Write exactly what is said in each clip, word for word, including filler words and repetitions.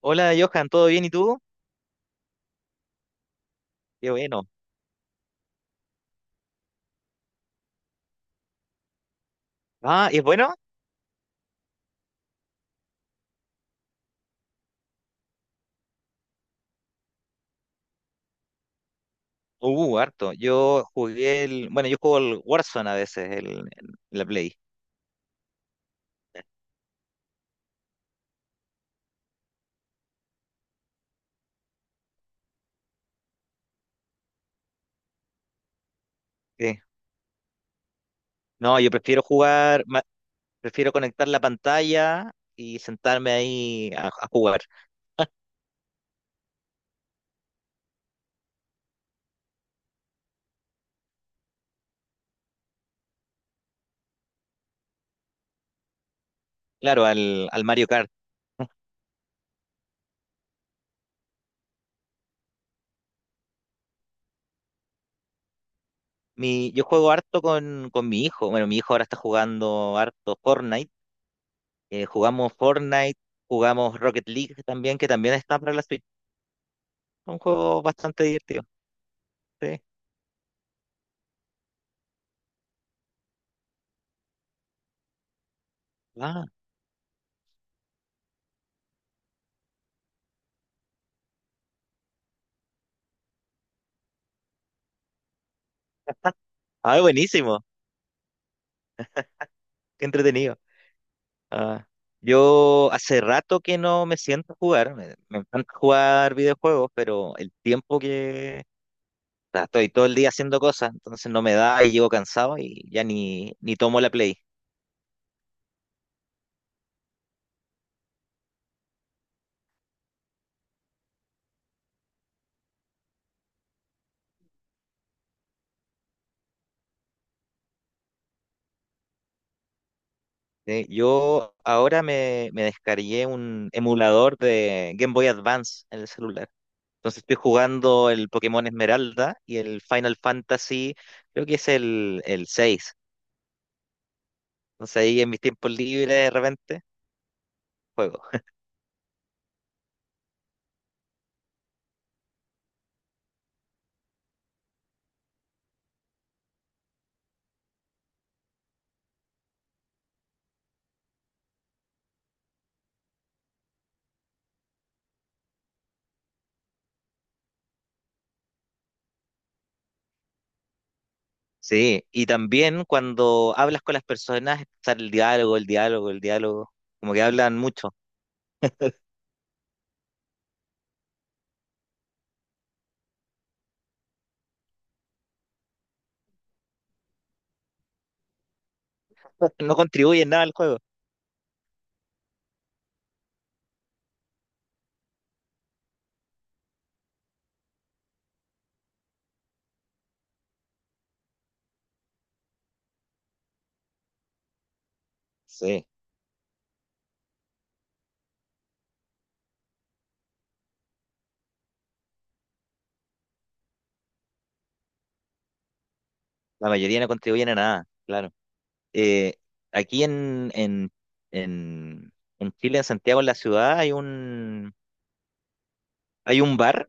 Hola Johan, ¿todo bien y tú? Qué bueno. Ah, ¿y ¿es bueno? Uh, harto. Yo jugué el. Bueno, yo juego el Warzone a veces, el, el- la Play. Sí. No, yo prefiero jugar, ma- prefiero conectar la pantalla y sentarme ahí a, a jugar. Claro, al, al Mario Kart. Mi, yo juego harto con, con mi hijo. Bueno, mi hijo ahora está jugando harto Fortnite. Eh, jugamos Fortnite, jugamos Rocket League también, que también está para la Switch. Un juego bastante divertido. Sí. Ah, ah, buenísimo. Qué entretenido. Ah, yo hace rato que no me siento a jugar. Me, me encanta jugar videojuegos, pero el tiempo que o sea, estoy todo el día haciendo cosas, entonces no me da y llego cansado y ya ni, ni tomo la Play. Eh, Yo ahora me, me descargué un emulador de Game Boy Advance en el celular. Entonces estoy jugando el Pokémon Esmeralda y el Final Fantasy, creo que es el, el seis. Entonces ahí en mis tiempos libres de repente. Juego sí, y también cuando hablas con las personas, está el diálogo, el diálogo, el diálogo, como que hablan mucho, no contribuyen nada al juego. Sí, la mayoría no contribuyen a nada, claro. Eh, aquí en, en, en, en Chile, en Santiago, en la ciudad, hay un, hay un bar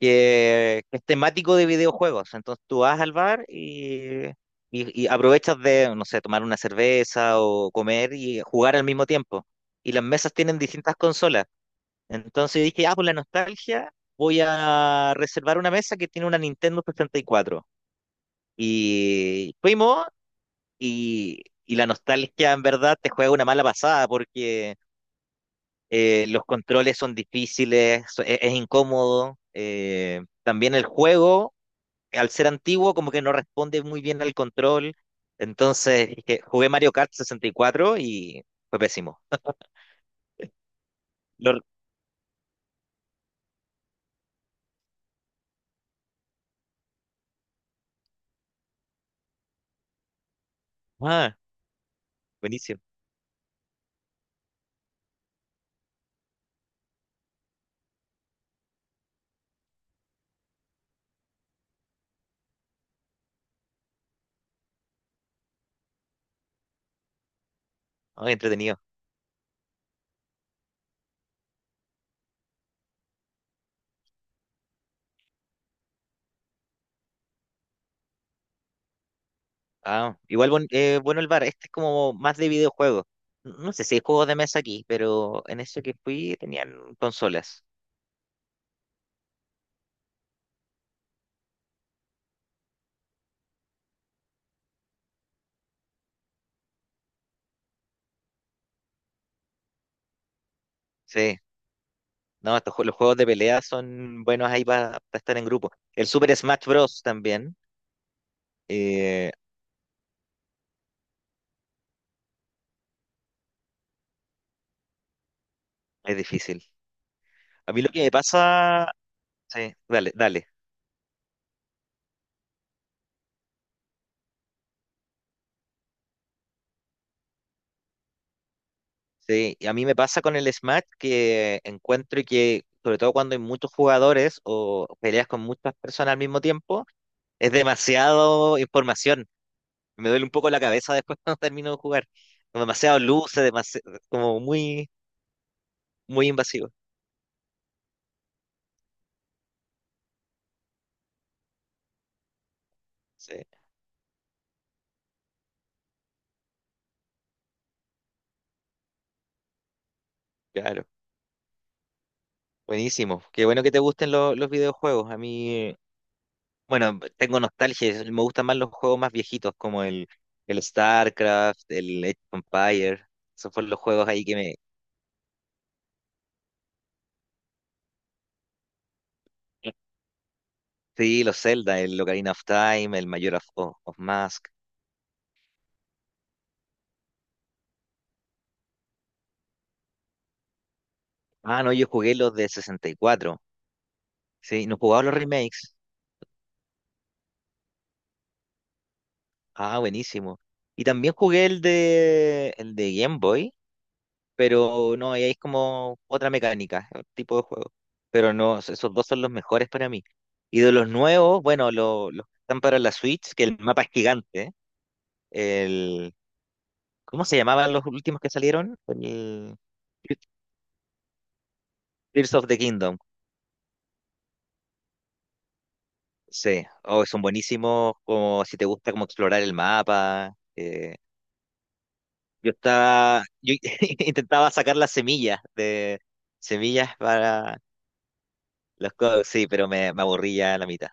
que, que es temático de videojuegos, entonces tú vas al bar y, y, y aprovechas de, no sé, tomar una cerveza o comer y jugar al mismo tiempo. Y las mesas tienen distintas consolas. Entonces dije, ah, por la nostalgia, voy a reservar una mesa que tiene una Nintendo sesenta y cuatro. Y fuimos, y, y la nostalgia en verdad te juega una mala pasada porque eh, los controles son difíciles, so- e- es incómodo. eh, también el juego, al ser antiguo, como que no responde muy bien al control. Entonces dije, jugué Mario Kart sesenta y cuatro y cuatro y fue pésimo. Lo- ah, buenísimo, ah, entretenido. Ah, igual buen- eh, bueno el bar, este es como más de videojuegos. N- No sé si hay juegos de mesa aquí, pero en eso que fui tenían consolas. Sí, no, estos, jue- los juegos de pelea son buenos ahí para estar en grupo. El Super Smash Bros. También eh, es difícil. A mí lo que me pasa, sí, dale, dale. Sí, y a mí me pasa con el Smash que encuentro que, sobre todo cuando hay muchos jugadores o peleas con muchas personas al mismo tiempo, es demasiado información. Me duele un poco la cabeza después cuando termino de jugar. Como demasiado luces, demasi- como muy, muy invasivo. Sí, claro. Buenísimo. Qué bueno que te gusten lo- los videojuegos. A mí, eh, bueno, tengo nostalgia. Me gustan más los juegos más viejitos, como el, el StarCraft, el Age of Empires. Esos fueron los juegos ahí que me... Sí, los Zelda, el Ocarina of Time, el Mayor of, of Mask. Ah, no, yo jugué los de sesenta y cuatro. Sí, no jugaba los remakes. Ah, buenísimo. Y también jugué el de, el de Game Boy, pero no, ahí es como otra mecánica, otro tipo de juego. Pero no, es- esos dos son los mejores para mí. Y de los nuevos, bueno, lo- los que están para la Switch, que el mapa es gigante. ¿Eh? El, ¿cómo se llamaban los últimos que salieron? El Tears of the Kingdom. Sí, oh, son buenísimos, como si te gusta como explorar el mapa. eh, Yo estaba, yo intentaba sacar las semillas de semillas para los codos, sí, pero me, me aburrí ya a la mitad.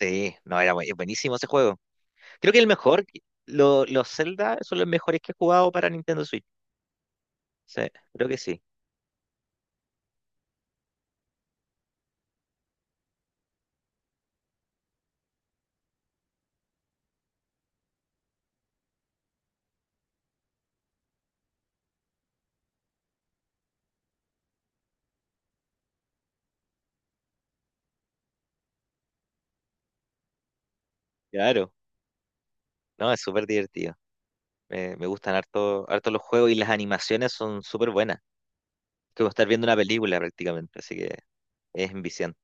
Sí, no, era bu- buenísimo ese juego. Creo que el mejor, lo- los Zelda son los mejores que he jugado para Nintendo Switch. Sí, creo que sí. Claro, no, es súper divertido. Me, me gustan harto, harto los juegos y las animaciones son súper buenas. Es como estar viendo una película prácticamente, así que es enviciante.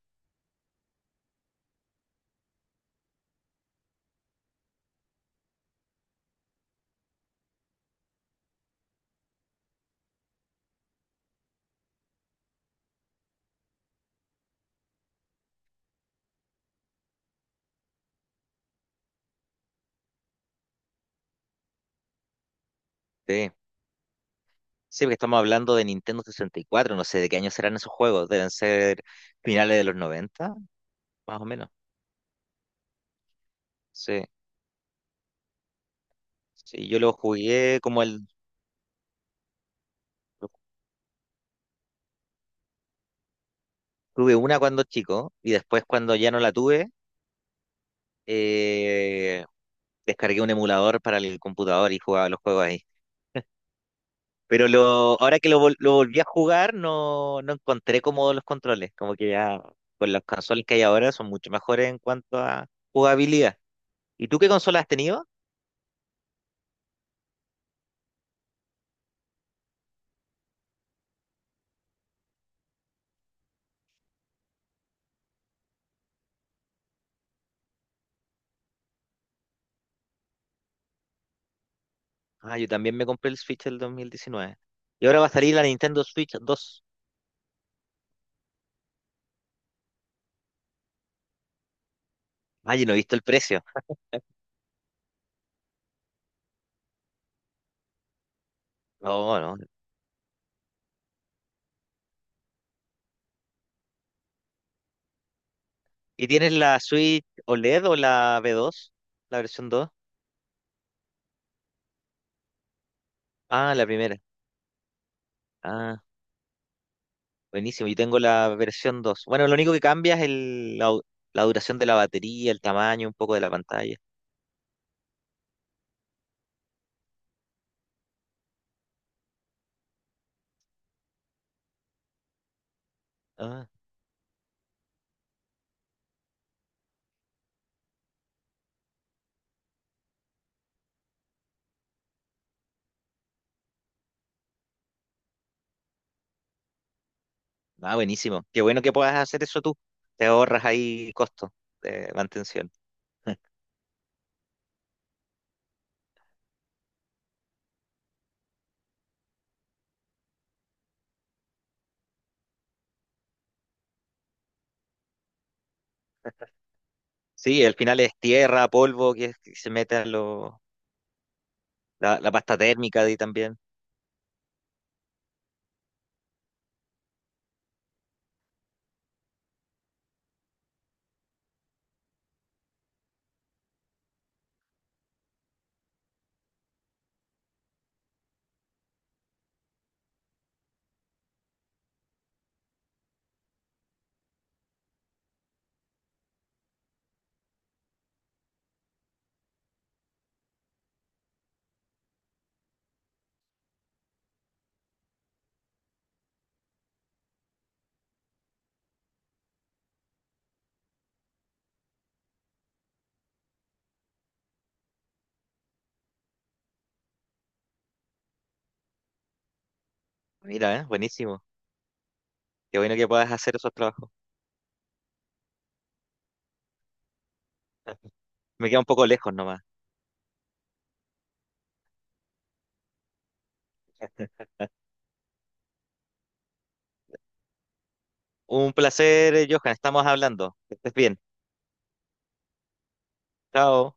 Sí. Sí, porque estamos hablando de Nintendo sesenta y cuatro, no sé de qué año serán esos juegos, deben ser finales de los noventa, más o menos. Sí, sí, yo lo jugué como el... Tuve una cuando chico y después cuando ya no la tuve, eh, descargué un emulador para el computador y jugaba los juegos ahí. Pero lo, ahora que lo, vol- lo volví a jugar, no, no encontré cómodos los controles, como que ya con las consolas que hay ahora son mucho mejores en cuanto a jugabilidad. ¿Y tú qué consolas has tenido? Ah, yo también me compré el Switch el dos mil diecinueve. Y ahora va a salir la Nintendo Switch dos. Ah, yo no he visto el precio. No, no. ¿Y tienes la Switch O L E D o la B dos? ¿La versión dos? Ah, la primera. Ah, buenísimo. Yo tengo la versión dos. Bueno, lo único que cambia es el, la, la duración de la batería, el tamaño, un poco de la pantalla. Ah, ah, buenísimo. Qué bueno que puedas hacer eso tú. Te ahorras ahí costo de mantención. Sí, al final es tierra, polvo que, que se mete a lo, la, la pasta térmica de ahí también. Mira, ¿eh? Buenísimo. Qué bueno que puedas hacer esos trabajos. Me queda un poco lejos nomás. Un placer, eh, Johan. Estamos hablando. Que estés bien. Chao.